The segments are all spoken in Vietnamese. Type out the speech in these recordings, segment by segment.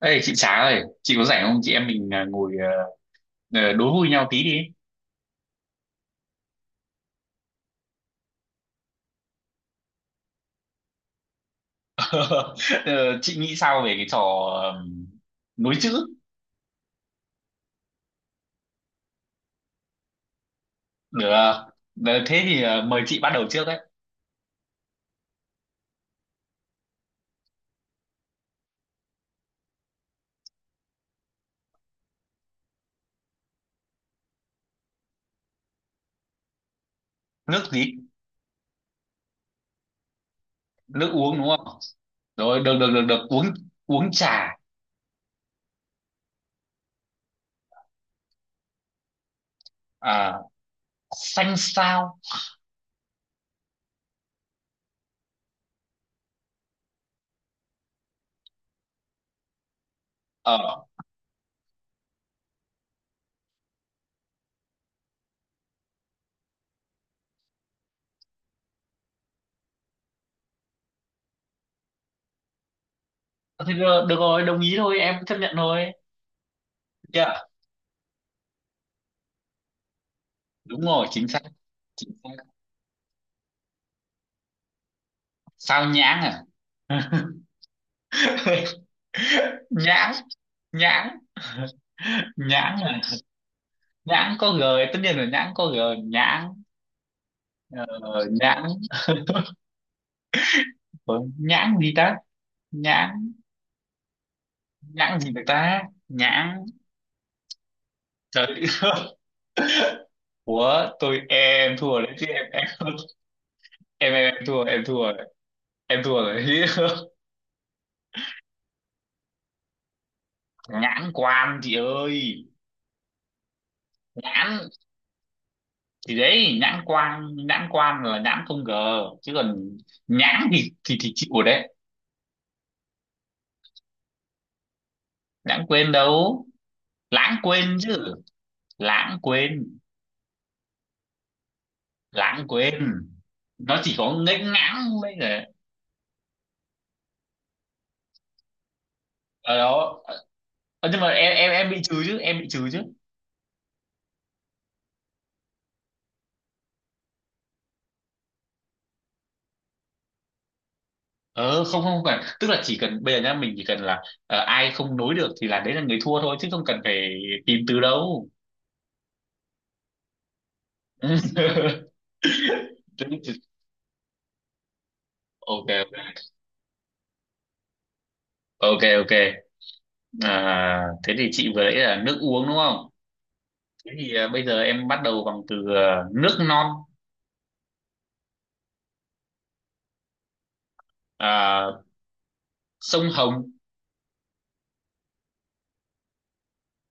Ê chị Trá ơi, chị có rảnh không? Chị em mình ngồi đố vui nhau tí đi. Ờ, chị nghĩ sao về cái trò ờm, nối chữ? Được. À? Thế thì mời chị bắt đầu trước đấy. Nước gì? Nước uống đúng không? Rồi được được được được uống uống trà. À, xanh sao? Ờ Thế được, được rồi, đồng ý thôi, em chấp nhận thôi. Dạ, đúng rồi, chính xác. Chính xác. Sao nhãng à? Nhãng, nhãng, nhãng à? Nhãn có g, tất nhiên là nhãn có g. Nhãn, ờ, nhãn của nhãn gì ta? Nhãn, nhãn gì được ta? Nhãn. Trời. Của tôi em thua đấy chứ. Em thua, em thua rồi. Em thua rồi. Nhãn quan chị ơi. Nhãn, thì đấy, nhãn quan, nhãn quan là nhãn không g chứ còn nhãn thì chịu rồi đấy. Nhãn quên đâu, lãng quên chứ. Lãng quên, lãng quên. Nó chỉ có nghênh ngãng mới là ở đó. Ờ, nhưng mà em bị trừ chứ, em bị trừ chứ. Ờ Không không cần, tức là chỉ cần bây giờ nhá, mình chỉ cần là ờ, ai không nối được thì là đấy là người thua thôi, chứ không cần phải tìm từ đâu. Ok, ok ok. À, thế thì chị vừa nãy là nước uống đúng không? Thế thì bây giờ em bắt đầu bằng từ nước non. À, sông Hồng.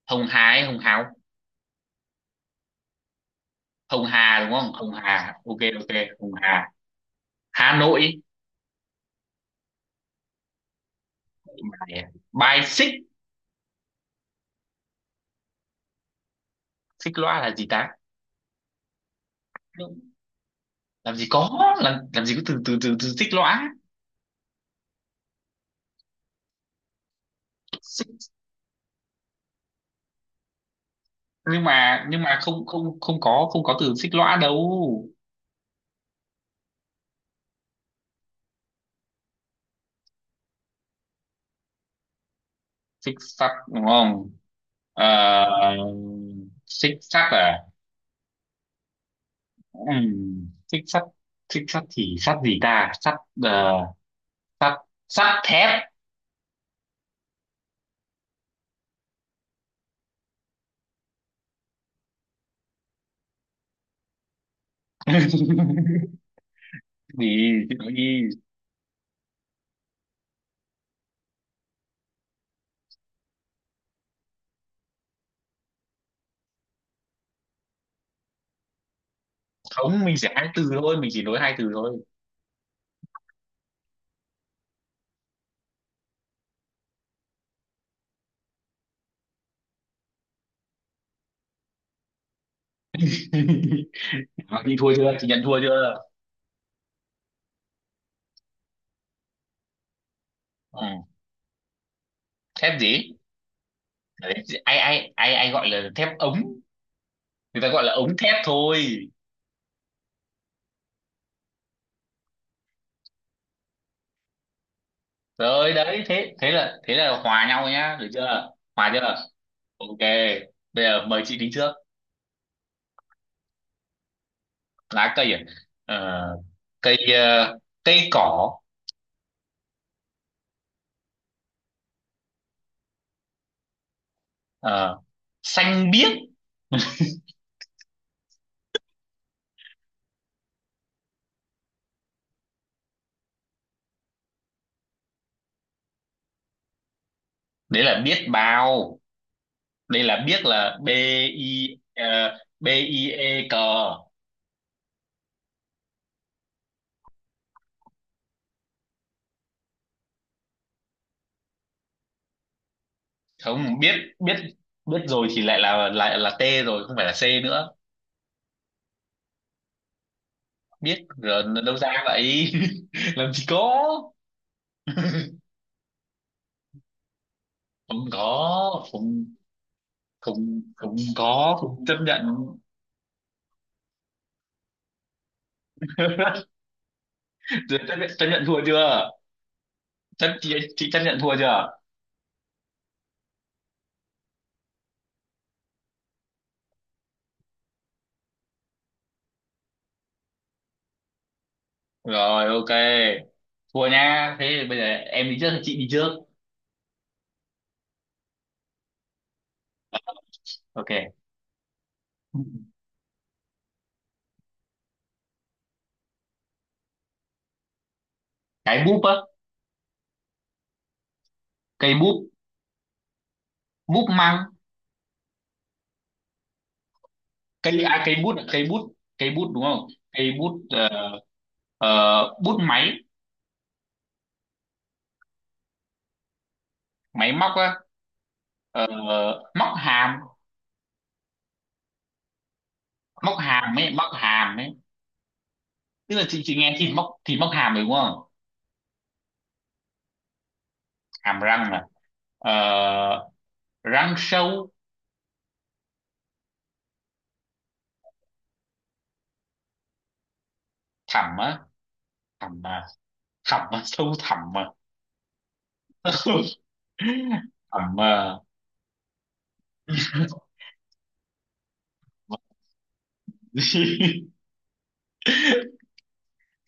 Hồng Hà hay Hồng Hào? Hồng Hà đúng không? Hồng Hà, ok ok, Hồng Hà. Hà Nội. Bài xích. Xích loa là gì ta? Đúng. Làm gì có, làm gì có từ từ từ từ xích lõa. Xích, nhưng mà không, không không có, không có từ xích lõa đâu. Xích sắt đúng không? Ờ, xích sắt à? Xích sắt. Xích sắt thì sắt gì ta? Sắt, ờ, sắt, sắt thép. Thì chị nói đi. Không, mình sẽ hai từ thôi, mình chỉ nói hai từ thôi. Đó, chị thua chưa, chị nhận thua chưa? Ừ. Thép gì? Đấy, ai ai ai ai gọi là thép ống? Người ta gọi là ống thép thôi. Rồi đấy, thế thế là hòa nhau nhá, được chưa? Hòa chưa? Ok. Bây giờ mời chị đi trước. Lá cây à? Ờ, cây cây cỏ. Ờ, xanh biếc. Đấy là biết bao. Đây là biết, là b, i, ờ, b i e cờ. Không biết, biết, biết rồi thì lại là t rồi, không phải là c nữa. Biết rồi đâu ra vậy? Làm gì có. Không có, không, không không có, không chấp nhận. Duyệt, chấp nhận thua chưa? Chấp chị chấp nhận thua chưa? Rồi ok, thua nha. Thế thì bây giờ em đi trước hay chị đi trước? Ok. Cái bút á. Cây bút. Bút măng. Cây à, cây bút, cây bút, cây bút đúng không, cây bút. Ờ, ờ, bút máy. Máy móc á. Ờ, móc hàm. Móc hàm ấy, móc hàm ấy. Tức là chị nghe thì móc, thì móc hàm rồi đúng không? Hàm răng này. Ờ, răng sâu. Thẳm á? Thẳm à? Thẳm à, sâu thẳm à? Thẳm à.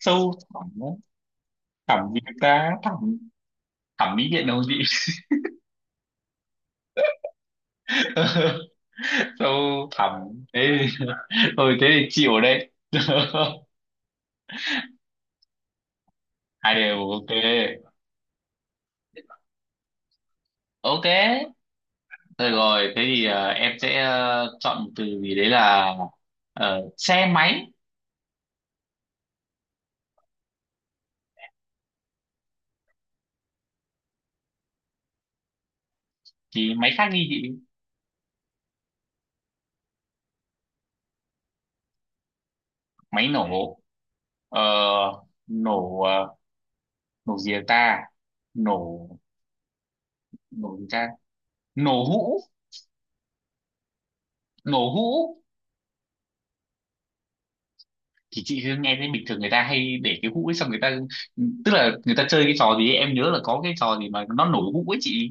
Sâu thẳm á. Thẳm gì ta, thẳm? Thẩm mỹ viện đâu chị. Sâu thẳm. Thế thôi, thế thì chịu đấy. Hai đều, ok. Ok rồi, rồi thế thì em sẽ chọn một từ gì đấy là xe máy. Thì máy khác đi chị. Máy nổ. Ờ, nổ, ờ, nổ gì ta? Nổ, nổ gì ta? Nổ hũ. Nổ hũ. Thì chị cứ nghe thấy bình thường người ta hay để cái hũ ấy xong người ta, tức là người ta chơi cái trò gì ấy, em nhớ là có cái trò gì mà nó nổ hũ ấy chị.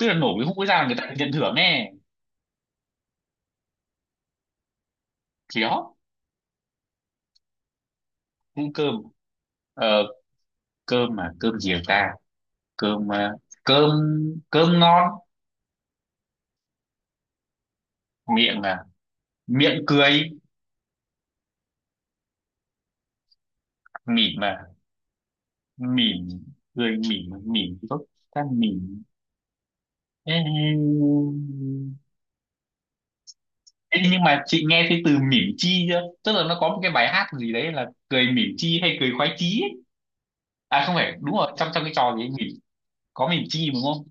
Tức là nổ cái hũ ấy ra là người ta được nhận thưởng nè. Thì đó. Hũ cơm. Ờ, cơm mà cơm gì ta? Cơm, ờ, cơm, cơm ngon. Miệng à? Miệng cười. Mỉm à? Mỉm, cười mỉm, mỉm tốt, ta mỉm. Ê, ê, nhưng mà chị nghe thấy từ mỉm chi chưa, tức là nó có một cái bài hát gì đấy là cười mỉm chi hay cười khoái chí ấy. À không phải, đúng rồi, trong trong cái trò gì ấy, mỉm. Có mỉm chi đúng không?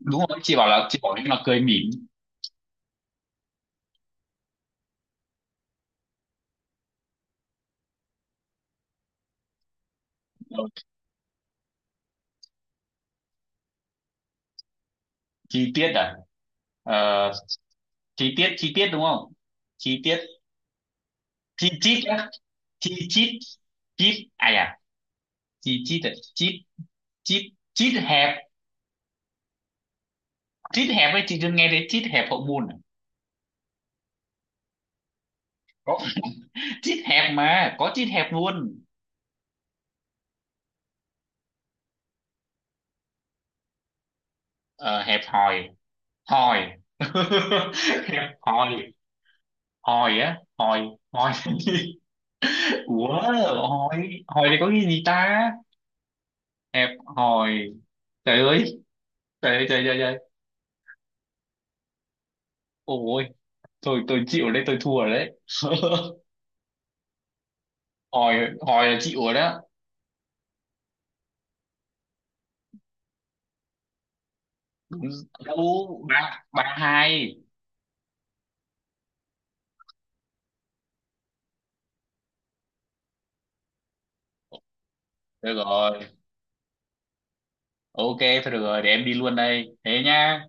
Đúng rồi, chị bảo là cười mỉm. Chi tiết à? Ờ, chi tiết, chi tiết đúng không? Chi tiết. Chi chít á? Chi chít, chít à? À, chi chít à, chít, chít. Chít hẹp. Chít hẹp ấy, chị chưa nghe thấy chít hẹp hậu môn à? Có chít hẹp mà, có chít hẹp luôn. Ờ, hẹp hòi. Hồi. Em hồi, hồi á, hồi, hồi. Ủa, hồi, hồi thì có cái gì ta? Hẹp, hồi, trời ơi, trời trời trời trời. Ôi thôi, tôi chịu, ở đây tôi thua rồi đấy. Hồi, hồi là chịu rồi đó. Đúng. Đâu, ba ba hai. Được rồi, ok. Thôi được rồi, để em đi luôn đây thế nhá.